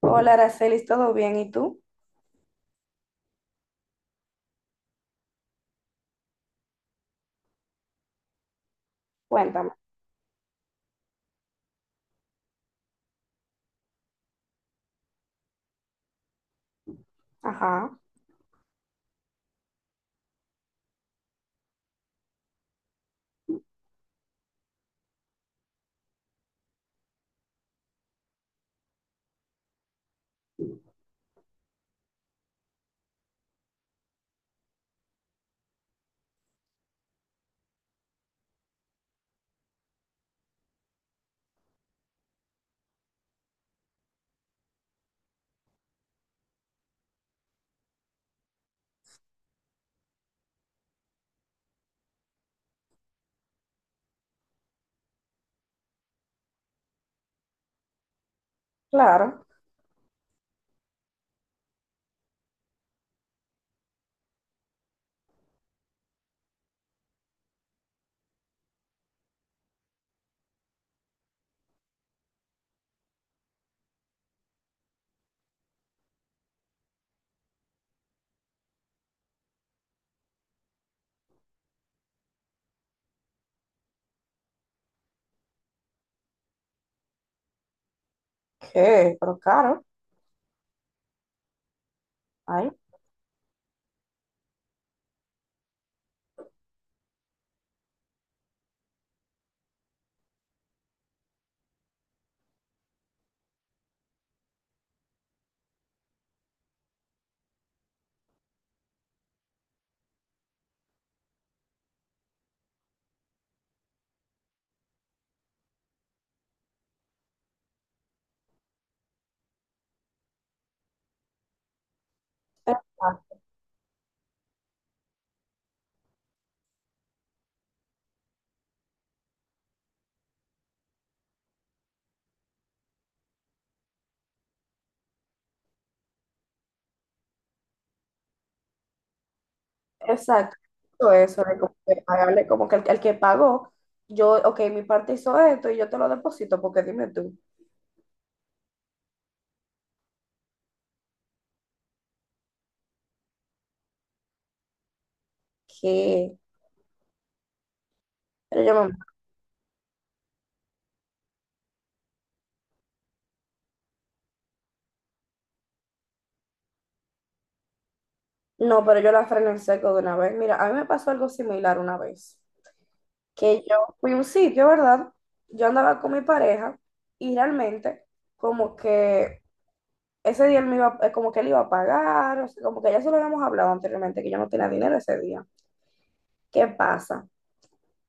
Hola, Aracelis, ¿todo bien? ¿Y tú? Cuéntame. Ajá, claro. ¿Qué? Pero caro. Ay, exacto. Exacto. Todo eso de como que pagarle, como que el que pagó, yo, ok, mi parte hizo esto y yo te lo deposito, porque dime tú, ¿Qué? Pero yo me- no, pero yo la frené en seco de una vez. Mira, a mí me pasó algo similar una vez, que yo fui a un sitio, ¿verdad? Yo andaba con mi pareja y realmente como que ese día él me iba, como que él iba a pagar, o sea, como que ya se lo habíamos hablado anteriormente, que yo no tenía dinero ese día. ¿Qué pasa?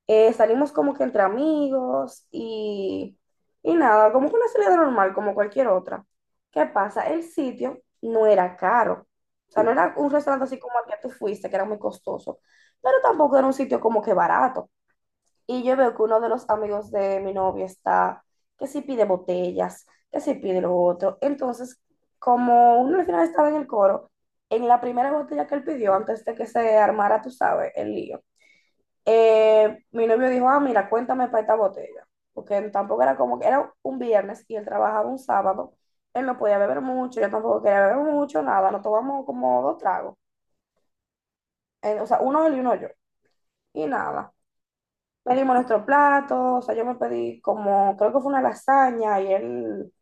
Salimos como que entre amigos y nada, como que una salida normal, como cualquier otra. ¿Qué pasa? El sitio no era caro. O sea, no era un restaurante así como al que tú fuiste, que era muy costoso, pero tampoco era un sitio como que barato. Y yo veo que uno de los amigos de mi novia está, que si pide botellas, que si pide lo otro. Entonces, como uno al final estaba en el coro, en la primera botella que él pidió, antes de que se armara, tú sabes, el lío, mi novio dijo, ah, mira, cuéntame para esta botella. Porque tampoco era como que era un viernes y él trabajaba un sábado. Él no podía beber mucho, yo tampoco quería beber mucho, nada. Nos tomamos como dos tragos. O sea, uno él y uno yo. Y nada. Pedimos nuestro plato, o sea, yo me pedí como, creo que fue una lasaña y él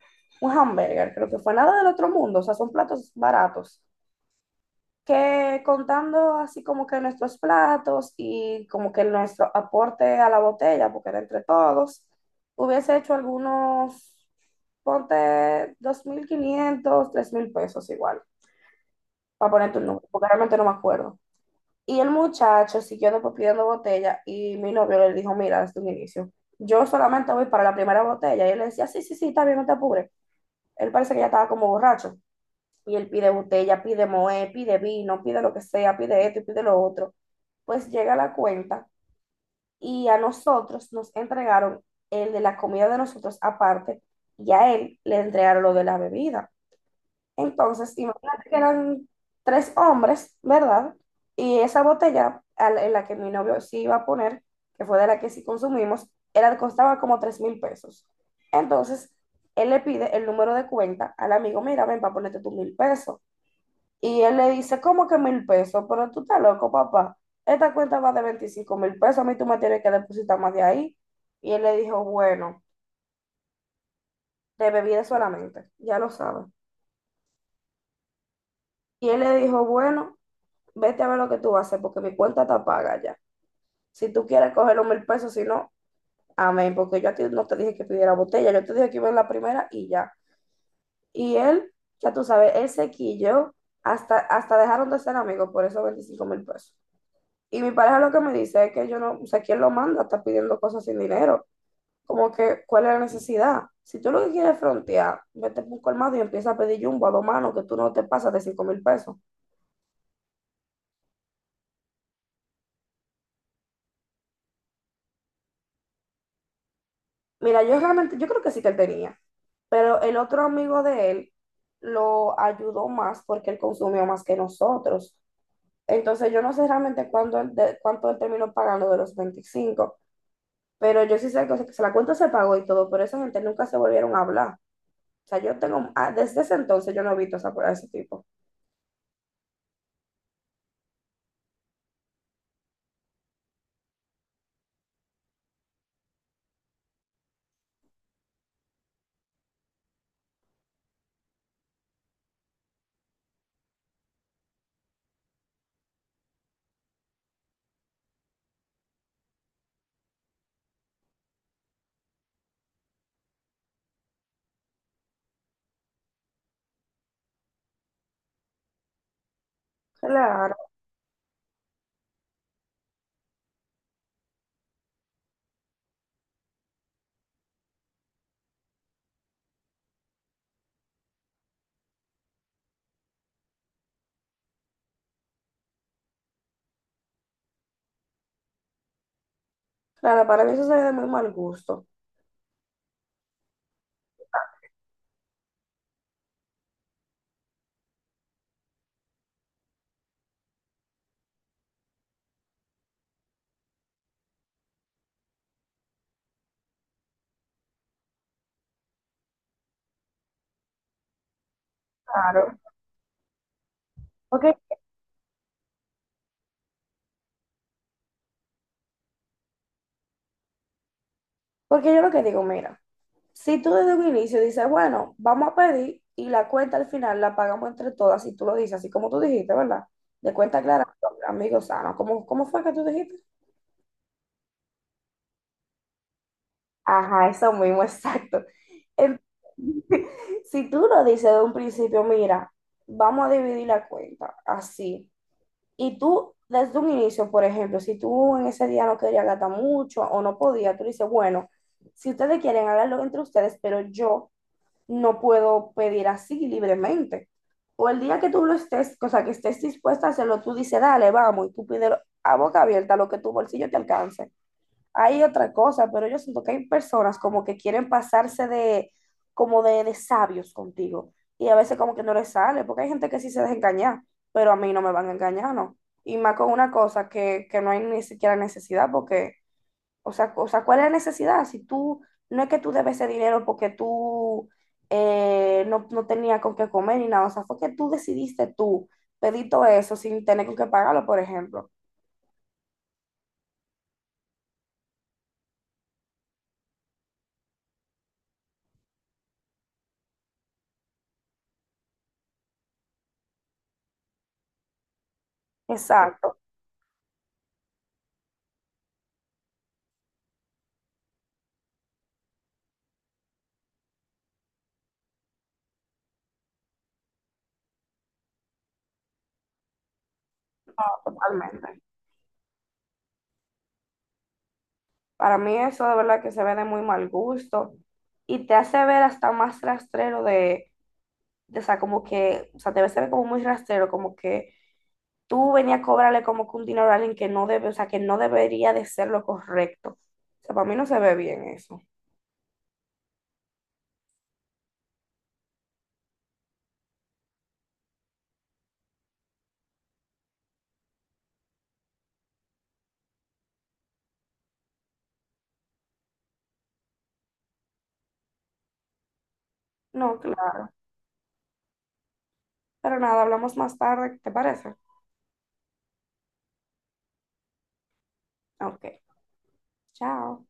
un hamburger, creo que fue nada del otro mundo, o sea, son platos baratos. Que contando así como que nuestros platos y como que nuestro aporte a la botella, porque era entre todos, hubiese hecho algunos, ponte 2,500, 3,000 pesos igual, para ponerte un número, porque realmente no me acuerdo. Y el muchacho siguió después pidiendo botella y mi novio le dijo, mira, desde un inicio, yo solamente voy para la primera botella. Y él le decía, sí, sí, sí, está bien, no te apures. Él parece que ya estaba como borracho. Y él pide botella, pide moe, pide vino, pide lo que sea, pide esto y pide lo otro. Pues llega la cuenta y a nosotros nos entregaron el de la comida de nosotros aparte y a él le entregaron lo de la bebida. Entonces, imagínate que eran tres hombres, ¿verdad? Y esa botella en la que mi novio sí iba a poner, que fue de la que sí consumimos, era, costaba como 3,000 pesos. Entonces, él le pide el número de cuenta al amigo, mira, ven para ponerte tus 1,000 pesos. Y él le dice, ¿cómo que 1,000 pesos? Pero tú estás loco, papá. Esta cuenta va de 25,000 pesos, a mí tú me tienes que depositar más de ahí. Y él le dijo, bueno, de bebida solamente, ya lo sabes. Y él le dijo, bueno, vete a ver lo que tú vas a hacer porque mi cuenta está paga ya. Si tú quieres coger los 1,000 pesos, si no, amén, porque yo a ti no te dije que pidiera botella, yo te dije que iba en la primera y ya. Y él, ya tú sabes, él se quilló, hasta dejaron de ser amigos por esos 25,000 pesos. Y mi pareja lo que me dice es que yo no, o sea, ¿quién lo manda? Está pidiendo cosas sin dinero. Como que, ¿cuál es la necesidad? Si tú lo que quieres es frontear, vete por un colmado y empieza a pedir jumbo a dos manos que tú no te pasas de 5,000 pesos. Mira, yo realmente, yo creo que sí que él tenía. Pero el otro amigo de él lo ayudó más porque él consumió más que nosotros. Entonces yo no sé realmente cuánto él terminó pagando de los 25, pero yo sí sé que, o sea, que se la cuenta se pagó y todo, pero esa gente nunca se volvieron a hablar. O sea, yo tengo, desde ese entonces yo no he visto a ese tipo. Claro, claro, para mí eso sería de muy mal gusto. Claro, porque, porque yo lo que digo, mira. Si tú desde un inicio dices, bueno, vamos a pedir y la cuenta al final la pagamos entre todas, si tú lo dices, así como tú dijiste, ¿verdad? De cuenta clara, amigo sano. ¿Cómo fue que tú dijiste? Ajá, eso mismo, exacto. En- si tú lo dices de un principio, mira, vamos a dividir la cuenta así. Y tú desde un inicio, por ejemplo, si tú en ese día no querías gastar mucho o no podías, tú dices, bueno, si ustedes quieren, háganlo entre ustedes, pero yo no puedo pedir así libremente. O el día que tú lo estés, o sea, que estés dispuesta a hacerlo, tú dices, dale, vamos, y tú pides a boca abierta lo que tu bolsillo te alcance. Hay otra cosa, pero yo siento que hay personas como que quieren pasarse de, como de sabios contigo. Y a veces como que no les sale, porque hay gente que sí se deja engañar, pero a mí no me van a engañar, ¿no? Y más con una cosa que no hay ni siquiera necesidad, porque o sea, ¿cuál es la necesidad? Si tú, no es que tú debes ese dinero porque tú no, no tenías con qué comer ni nada, o sea, fue que tú decidiste tú pedir todo eso sin tener con qué pagarlo, por ejemplo. Exacto, totalmente. Para mí eso de verdad que se ve de muy mal gusto y te hace ver hasta más rastrero de, o sea, como que, o sea, te ves se ve como muy rastrero, como que tú venías a cobrarle como que un dinero a alguien que no debe, o sea, que no debería de ser lo correcto. O sea, para mí no se ve bien eso. No, claro. Pero nada, hablamos más tarde, ¿te parece? Ok, chao.